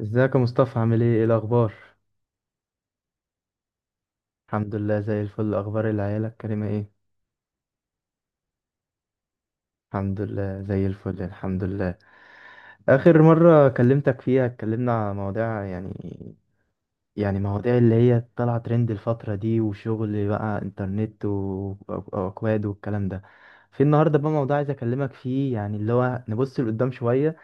ازيك يا مصطفى؟ عامل ايه؟ ايه الاخبار؟ الحمد لله زي الفل. اخبار العيله الكريمه ايه؟ الحمد لله زي الفل، الحمد لله. اخر مره كلمتك فيها اتكلمنا على مواضيع، يعني مواضيع اللي هي طالعه ترند الفتره دي، وشغل بقى انترنت واكواد والكلام ده. في النهارده بقى موضوع عايز اكلمك فيه، يعني اللي هو نبص لقدام شويه.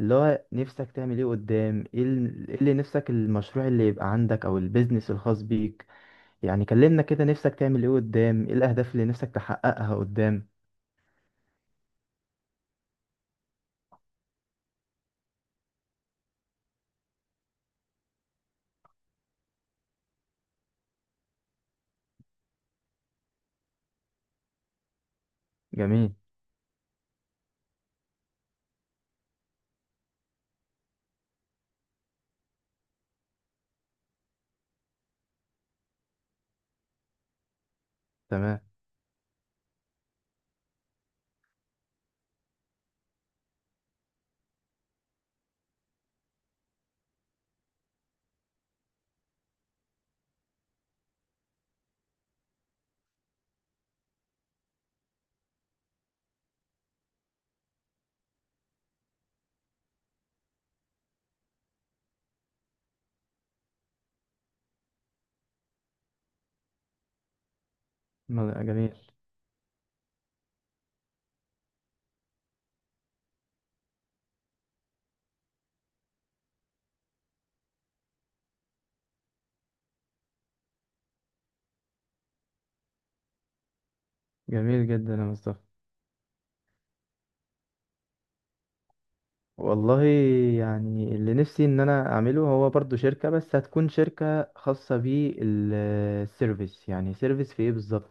اللي هو نفسك تعمل ايه قدام؟ ايه إيه اللي نفسك، المشروع اللي يبقى عندك او البيزنس الخاص بيك؟ يعني كلمنا كده، نفسك تعمل ايه قدام؟ ايه الاهداف اللي نفسك تحققها قدام؟ جميل. تمام. جميل. جميل جدا يا مصطفى. والله يعني اللي نفسي ان انا اعمله هو برضو شركة، بس هتكون شركة خاصة بالسيرفيس. يعني سيرفيس في ايه بالظبط؟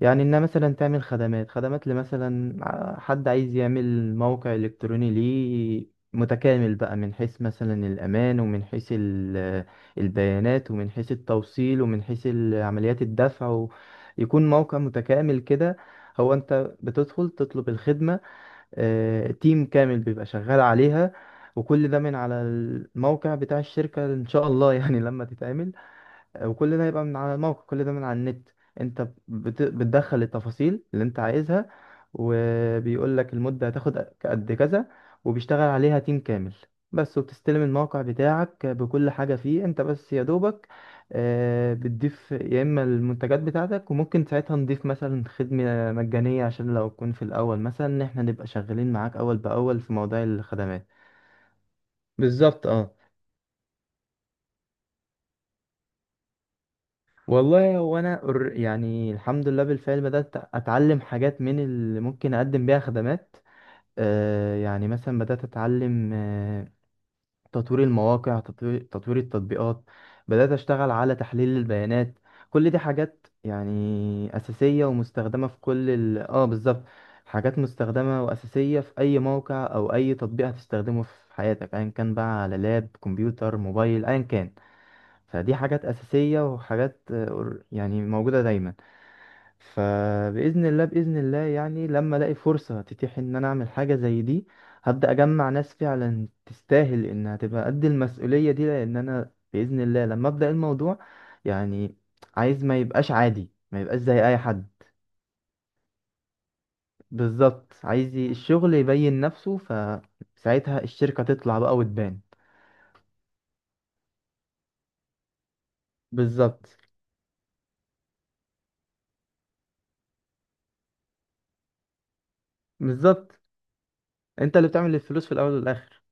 يعني انها مثلا تعمل خدمات. خدمات لمثلا حد عايز يعمل موقع الكتروني ليه متكامل بقى، من حيث مثلا الامان، ومن حيث البيانات، ومن حيث التوصيل، ومن حيث عمليات الدفع، يكون موقع متكامل كده. هو انت بتدخل تطلب الخدمة، تيم كامل بيبقى شغال عليها، وكل ده من على الموقع بتاع الشركة ان شاء الله. يعني لما تتعمل، وكل ده هيبقى من على الموقع، كل ده من على النت. انت بتدخل التفاصيل اللي انت عايزها، وبيقول لك المدة هتاخد قد كذا، وبيشتغل عليها تيم كامل بس، وبتستلم الموقع بتاعك بكل حاجة فيه. انت بس يا دوبك بتضيف يا اما المنتجات بتاعتك. وممكن ساعتها نضيف مثلا خدمة مجانية، عشان لو تكون في الاول مثلا ان احنا نبقى شغالين معاك اول باول في مواضيع الخدمات. بالظبط، اه. والله هو يعني الحمد لله بالفعل بدات اتعلم حاجات من اللي ممكن اقدم بيها خدمات. آه يعني مثلا بدات اتعلم، تطوير المواقع، تطوير التطبيقات، بدات اشتغل على تحليل البيانات. كل دي حاجات يعني اساسيه ومستخدمه في كل اه بالظبط. حاجات مستخدمه واساسيه في اي موقع او اي تطبيق هتستخدمه في حياتك، ايا كان بقى على لاب، كمبيوتر، موبايل، ايا كان. فدي حاجات أساسية وحاجات يعني موجودة دايما. فبإذن الله، بإذن الله يعني لما ألاقي فرصة تتيح إن أنا أعمل حاجة زي دي، هبدأ أجمع ناس فعلا تستاهل إنها تبقى قد المسؤولية دي، لأن أنا بإذن الله لما أبدأ الموضوع يعني عايز ما يبقاش عادي، ما يبقاش زي أي حد. بالظبط. الشغل يبين نفسه، فساعتها الشركة تطلع بقى وتبان. بالظبط. بالظبط، أنت اللي بتعمل الفلوس في الأول والآخر.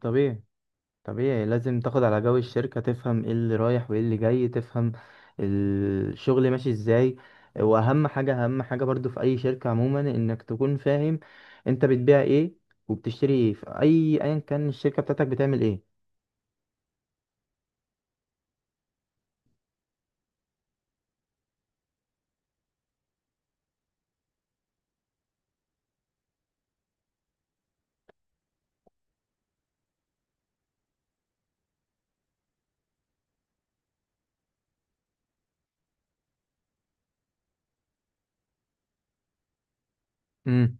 طبيعي. طبيعي، لازم تاخد على جو الشركة، تفهم ايه اللي رايح وايه اللي جاي، تفهم الشغل ماشي ازاي. واهم حاجة، اهم حاجة برضو في اي شركة عموما، انك تكون فاهم انت بتبيع ايه وبتشتري ايه، في اي، ايا كان الشركة بتاعتك بتعمل ايه. امم.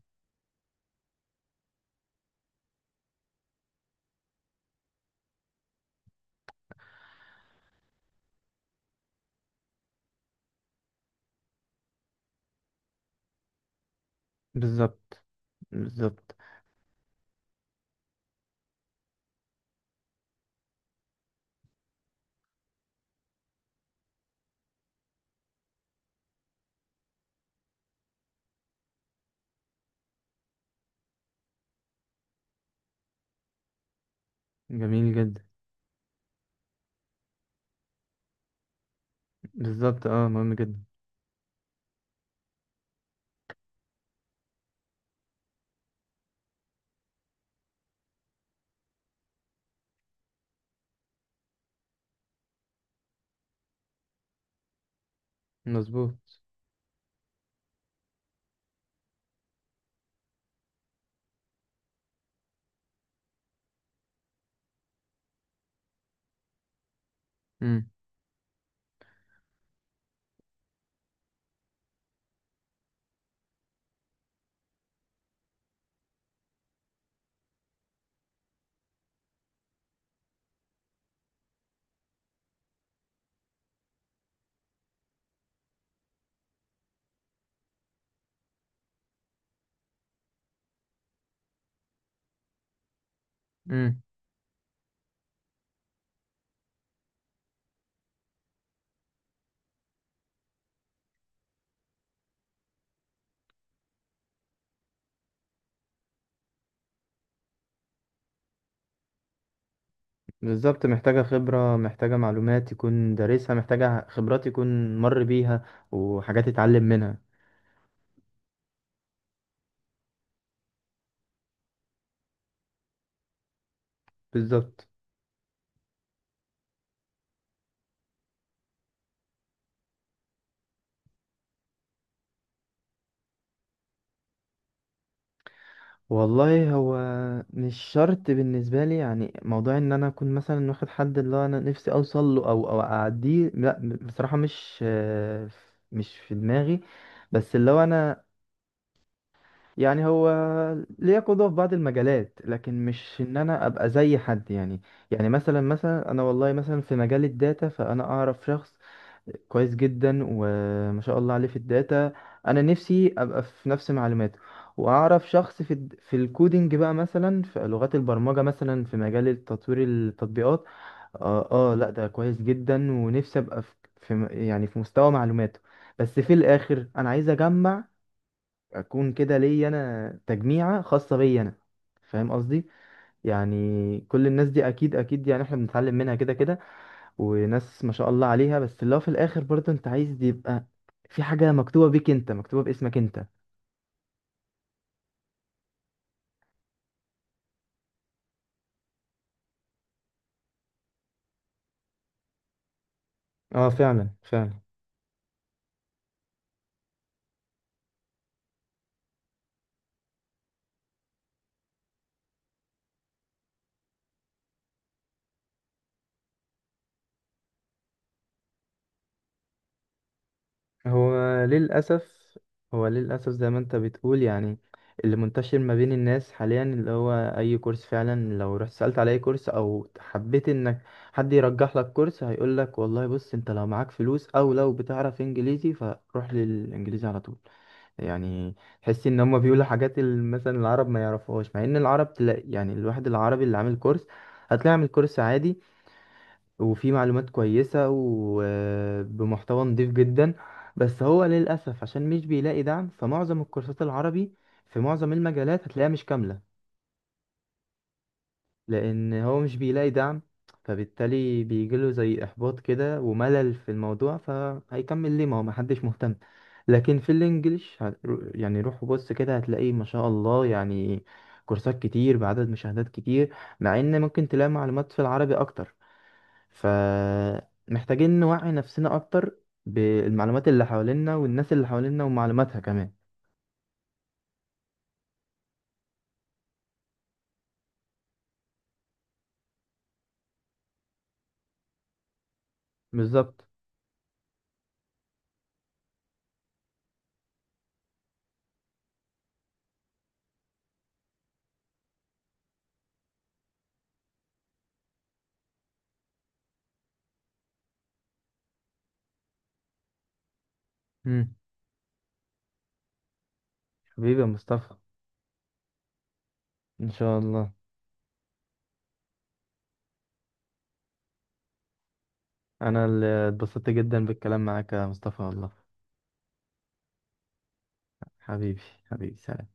بالظبط. بالظبط. جميل جدا. بالظبط، اه، مهم جدا. مظبوط. امم. امم. بالظبط، محتاجة خبرة، محتاجة معلومات يكون دارسها، محتاجة خبرات يكون مر بيها، وحاجات يتعلم منها. بالظبط. والله هو مش شرط بالنسبة لي، يعني موضوع ان انا اكون مثلا واخد حد اللي هو انا نفسي اوصل له او او اعديه، لا بصراحة مش، مش في دماغي. بس اللي هو انا يعني هو ليا قدوة في بعض المجالات، لكن مش ان انا ابقى زي حد يعني. يعني مثلا، مثلا انا والله مثلا في مجال الداتا، فانا اعرف شخص كويس جدا وما شاء الله عليه في الداتا، انا نفسي ابقى في نفس معلوماته. واعرف شخص في في الكودينج بقى مثلا، في لغات البرمجة مثلا، في مجال تطوير التطبيقات. لا ده كويس جدا، ونفسي ابقى في في يعني في مستوى معلوماته. بس في الاخر انا عايز اجمع، اكون كده ليا انا تجميعة خاصة بيا انا. فاهم قصدي؟ يعني كل الناس دي اكيد، اكيد يعني احنا بنتعلم منها كده كده، وناس ما شاء الله عليها، بس اللي هو في الاخر برضه انت عايز يبقى في حاجة مكتوبة بيك انت، مكتوبة باسمك انت. اه، فعلا، فعلا. هو للأسف، هو للأسف زي ما انت بتقول، يعني اللي منتشر ما بين الناس حاليا اللي هو أي كورس، فعلا لو رحت سألت على أي كورس أو حبيت إنك حد يرجح لك كورس، هيقولك والله بص، انت لو معاك فلوس أو لو بتعرف إنجليزي فروح للإنجليزي على طول. يعني تحس ان هم بيقولوا حاجات مثلا العرب ما يعرفوهاش، مع ان العرب تلاقي يعني الواحد العربي اللي عامل كورس، هتلاقي عامل كورس عادي وفيه معلومات كويسة وبمحتوى نضيف جدا. بس هو للأسف عشان مش بيلاقي دعم، فمعظم الكورسات العربي في معظم المجالات هتلاقيها مش كاملة. لان هو مش بيلاقي دعم، فبالتالي بيجيله زي احباط كده وملل في الموضوع، فهيكمل ليه ما هو محدش مهتم. لكن في الانجليش يعني روح وبص كده هتلاقيه ما شاء الله، يعني كورسات كتير بعدد مشاهدات كتير، مع ان ممكن تلاقي معلومات في العربي اكتر. فمحتاجين نوعي نفسنا اكتر بالمعلومات اللي حوالينا، والناس اللي حوالينا ومعلوماتها كمان. بالظبط. مم. حبيبي يا مصطفى، ان شاء الله. انا اللي اتبسطت جدا بالكلام معاك يا مصطفى والله. حبيبي. حبيبي، سلام.